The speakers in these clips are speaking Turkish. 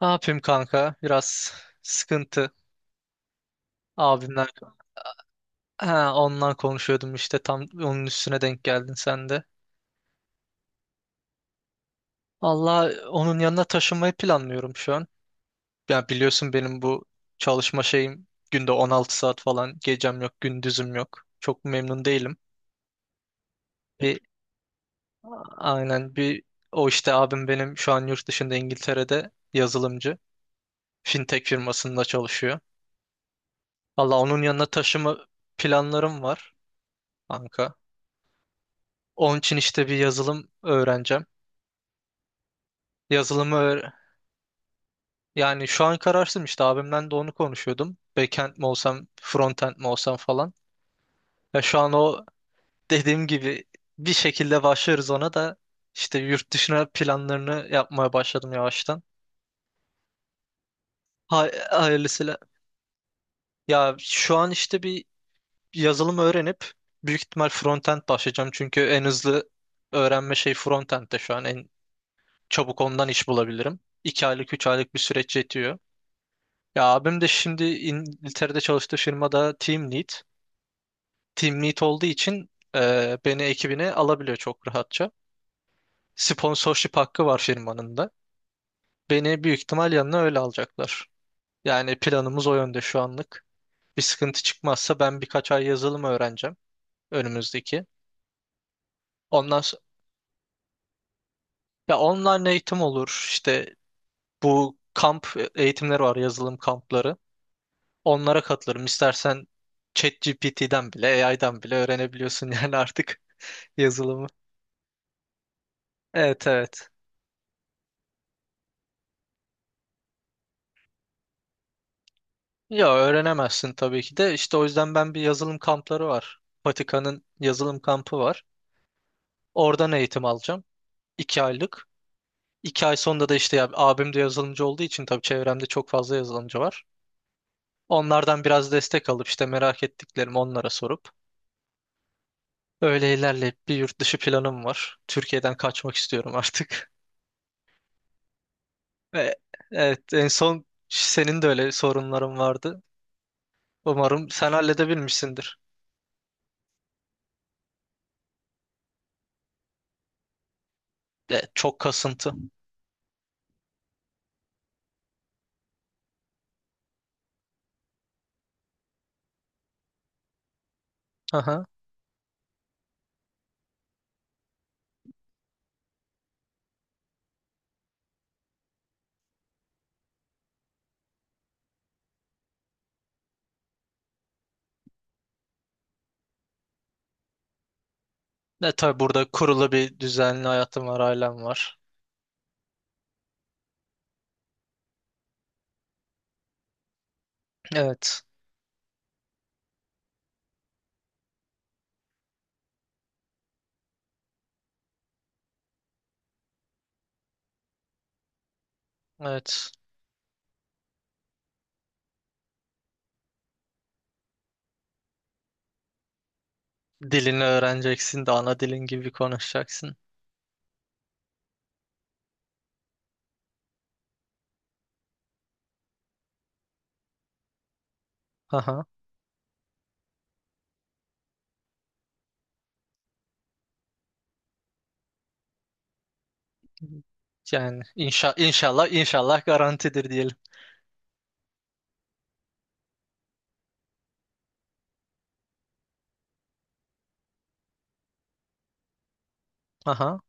Ne yapayım kanka? Biraz sıkıntı. Abimler. Ha, ondan konuşuyordum işte tam onun üstüne denk geldin sen de. Allah onun yanına taşınmayı planlıyorum şu an. Ya biliyorsun benim bu çalışma şeyim günde 16 saat falan gecem yok gündüzüm yok. Çok memnun değilim. Bir aynen. O işte abim benim şu an yurt dışında İngiltere'de yazılımcı. Fintech firmasında çalışıyor. Allah onun yanına taşıma planlarım var kanka. Onun için işte bir yazılım öğreneceğim. Yazılımı öğ- Yani şu an kararsızım işte abimden de onu konuşuyordum. Backend mi olsam, frontend mi olsam falan. Ya şu an o dediğim gibi bir şekilde başlarız ona da işte yurt dışına planlarını yapmaya başladım yavaştan. Hayırlısıyla. Ya şu an işte bir yazılım öğrenip büyük ihtimal frontend başlayacağım. Çünkü en hızlı öğrenme şey frontend'de şu an en çabuk ondan iş bulabilirim. 2 aylık 3 aylık bir süreç yetiyor. Ya abim de şimdi İngiltere'de çalıştığı firmada team lead. Team lead olduğu için beni ekibine alabiliyor çok rahatça. Sponsorship hakkı var firmanın da. Beni büyük ihtimal yanına öyle alacaklar. Yani planımız o yönde şu anlık. Bir sıkıntı çıkmazsa ben birkaç ay yazılım öğreneceğim önümüzdeki. Ondan sonra, ya online eğitim olur. İşte bu kamp eğitimleri var, yazılım kampları. Onlara katılırım. İstersen ChatGPT'den bile, AI'dan bile öğrenebiliyorsun yani artık. Yazılımı. Evet, evet. Ya öğrenemezsin tabii ki de. İşte o yüzden ben bir yazılım kampları var. Vatikan'ın yazılım kampı var. Oradan eğitim alacağım. 2 aylık. 2 ay sonunda da işte ya, abim de yazılımcı olduğu için tabii çevremde çok fazla yazılımcı var. Onlardan biraz destek alıp işte merak ettiklerimi onlara sorup öyle ilerleyip bir yurt dışı planım var. Türkiye'den kaçmak istiyorum artık. Ve evet en son senin de öyle sorunların vardı. Umarım sen halledebilmişsindir. De, çok kasıntı. Aha. E tabii burada kurulu bir düzenli hayatım var, ailem var. Evet. Evet. Dilini öğreneceksin de ana dilin gibi konuşacaksın. Aha. Yani inşallah garantidir diyelim. Aha.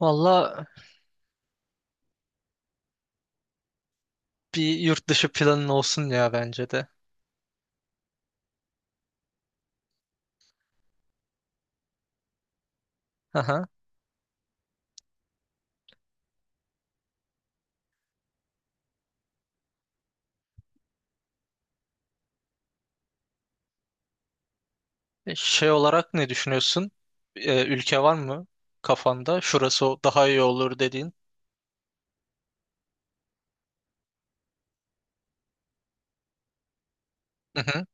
Valla bir yurt dışı planın olsun ya bence de. Aha. Şey olarak ne düşünüyorsun? Ülke var mı kafanda? Şurası daha iyi olur dediğin. Hı hı.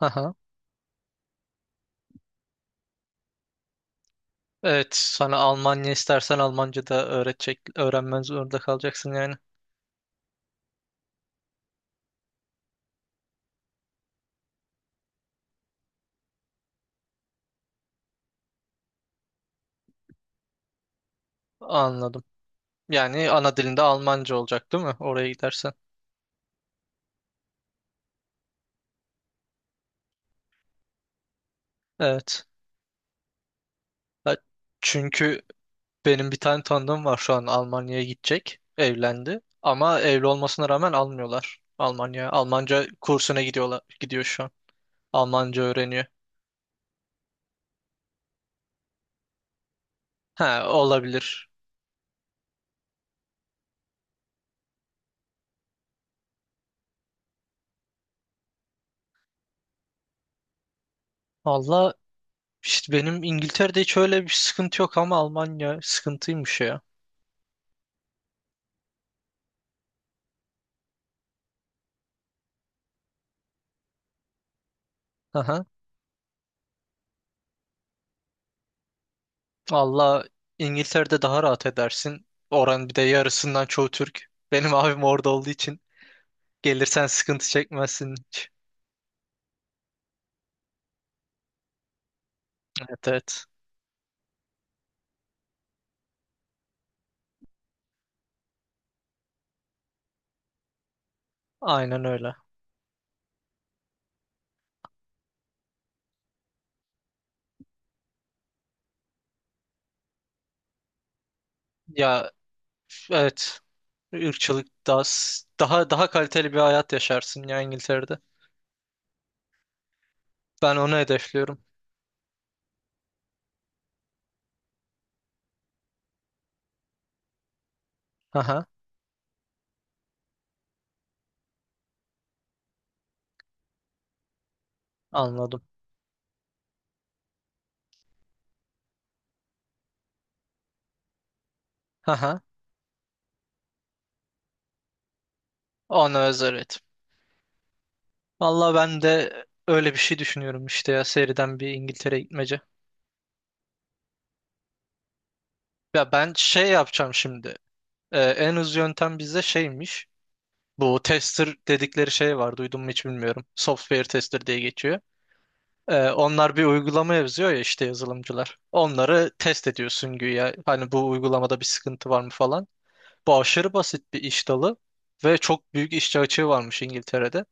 Aha. Evet, sana Almanya istersen Almanca da öğretecek, öğrenmen zorunda kalacaksın yani. Anladım. Yani ana dilinde Almanca olacak, değil mi? Oraya gidersen. Evet. Ya, çünkü benim bir tane tanıdığım var şu an Almanya'ya gidecek. Evlendi. Ama evli olmasına rağmen almıyorlar Almanya'ya. Almanca kursuna gidiyorlar, gidiyor şu an. Almanca öğreniyor. Ha, olabilir. Valla işte benim İngiltere'de hiç öyle bir sıkıntı yok ama Almanya sıkıntıymış ya. Aha. Valla İngiltere'de daha rahat edersin. Oranın bir de yarısından çoğu Türk. Benim abim orada olduğu için. Gelirsen sıkıntı çekmezsin hiç. Evet, evet. Aynen öyle. Ya, evet. Irkçılık daha kaliteli bir hayat yaşarsın ya İngiltere'de. Ben onu hedefliyorum. Haha, anladım. Haha, ona özel, evet. Valla ben de öyle bir şey düşünüyorum işte ya seriden bir İngiltere gitmece. Ya ben şey yapacağım şimdi. En hızlı yöntem bizde şeymiş. Bu tester dedikleri şey var duydun mu hiç bilmiyorum. Software tester diye geçiyor. Onlar bir uygulama yazıyor ya işte yazılımcılar. Onları test ediyorsun güya. Hani bu uygulamada bir sıkıntı var mı falan. Bu aşırı basit bir iş dalı ve çok büyük işçi açığı varmış İngiltere'de.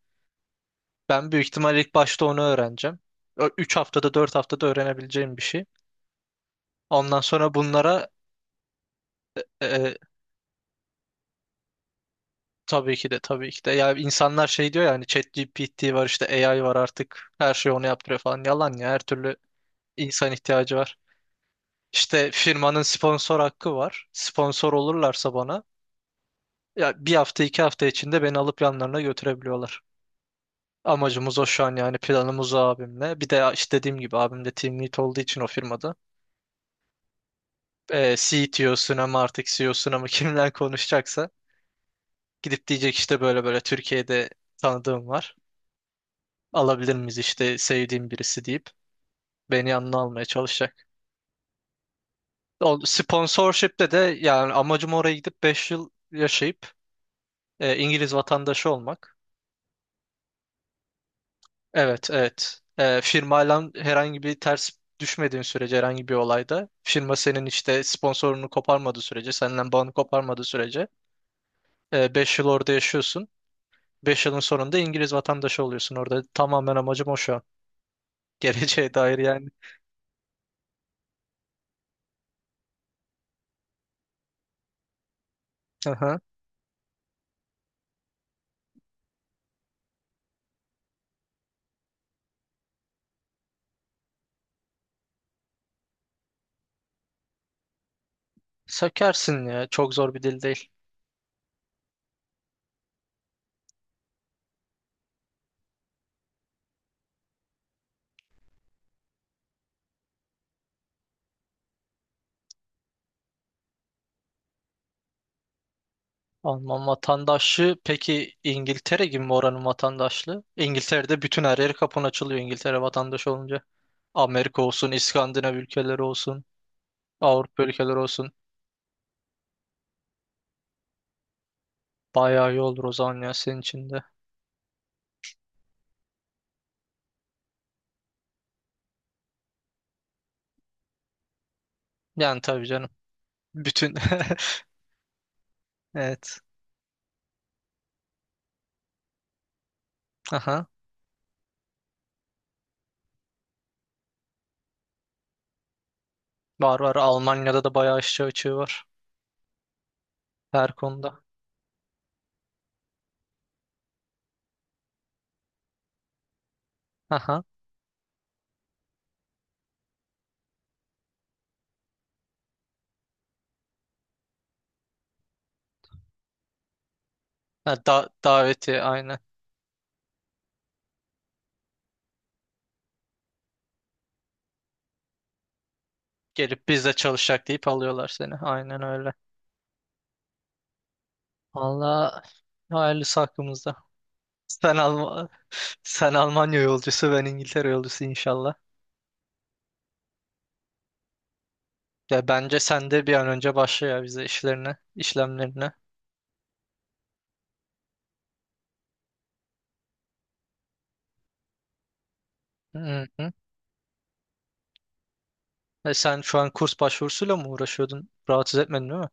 Ben büyük ihtimalle ilk başta onu öğreneceğim. 3 haftada 4 haftada öğrenebileceğim bir şey. Ondan sonra bunlara e, e, tabii ki de tabii ki de. Ya insanlar şey diyor ya hani ChatGPT var işte AI var artık her şeyi onu yaptırıyor falan. Yalan ya, her türlü insan ihtiyacı var. İşte firmanın sponsor hakkı var. Sponsor olurlarsa bana ya bir hafta 2 hafta içinde beni alıp yanlarına götürebiliyorlar. Amacımız o şu an, yani planımız o abimle. Bir de işte dediğim gibi abim de team lead olduğu için o firmada. CTO'suna mı artık CEO'suna mı kimden konuşacaksa gidip diyecek işte böyle böyle Türkiye'de tanıdığım var. Alabilir miyiz işte sevdiğim birisi deyip beni yanına almaya çalışacak. O sponsorship'te de, yani amacım oraya gidip 5 yıl yaşayıp İngiliz vatandaşı olmak. Evet, evet. Firmayla herhangi bir ters düşmediğin sürece, herhangi bir olayda firma senin işte sponsorunu koparmadığı sürece, senden bağını koparmadığı sürece 5 yıl orada yaşıyorsun. 5 yılın sonunda İngiliz vatandaşı oluyorsun orada. Tamamen amacım o şu an. Geleceğe dair yani. Aha. Sökersin ya. Çok zor bir dil değil. Alman vatandaşlığı peki İngiltere gibi mi oranın vatandaşlığı? İngiltere'de bütün her yeri kapın açılıyor İngiltere vatandaşı olunca. Amerika olsun, İskandinav ülkeleri olsun. Avrupa ülkeleri olsun. Bayağı iyi olur o zaman ya senin için de. Yani tabii canım. Bütün. Evet. Aha. Var, var. Almanya'da da bayağı aşçı açığı var. Her konuda. Aha. Ha, da daveti aynen. Gelip biz de çalışacak deyip alıyorlar seni. Aynen öyle. Valla hayırlısı hakkımızda. Sen Alman Sen Almanya yolcusu ben İngiltere yolcusu inşallah. Ya bence sen de bir an önce başla ya bize işlerine, işlemlerine. Hı hı. E sen şu an kurs başvurusuyla mı uğraşıyordun? Rahatsız etmedin, değil mi?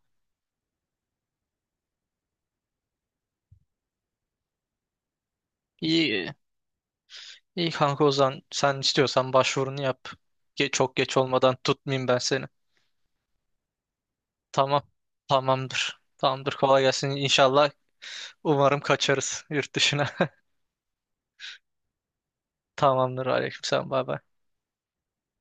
İyi, iyi kanka o zaman sen istiyorsan başvurunu yap. Çok geç olmadan tutmayayım ben seni. Tamam, tamamdır. Tamamdır, kolay gelsin. İnşallah umarım kaçarız yurt dışına. Tamamdır, aleykümselam, bay bay.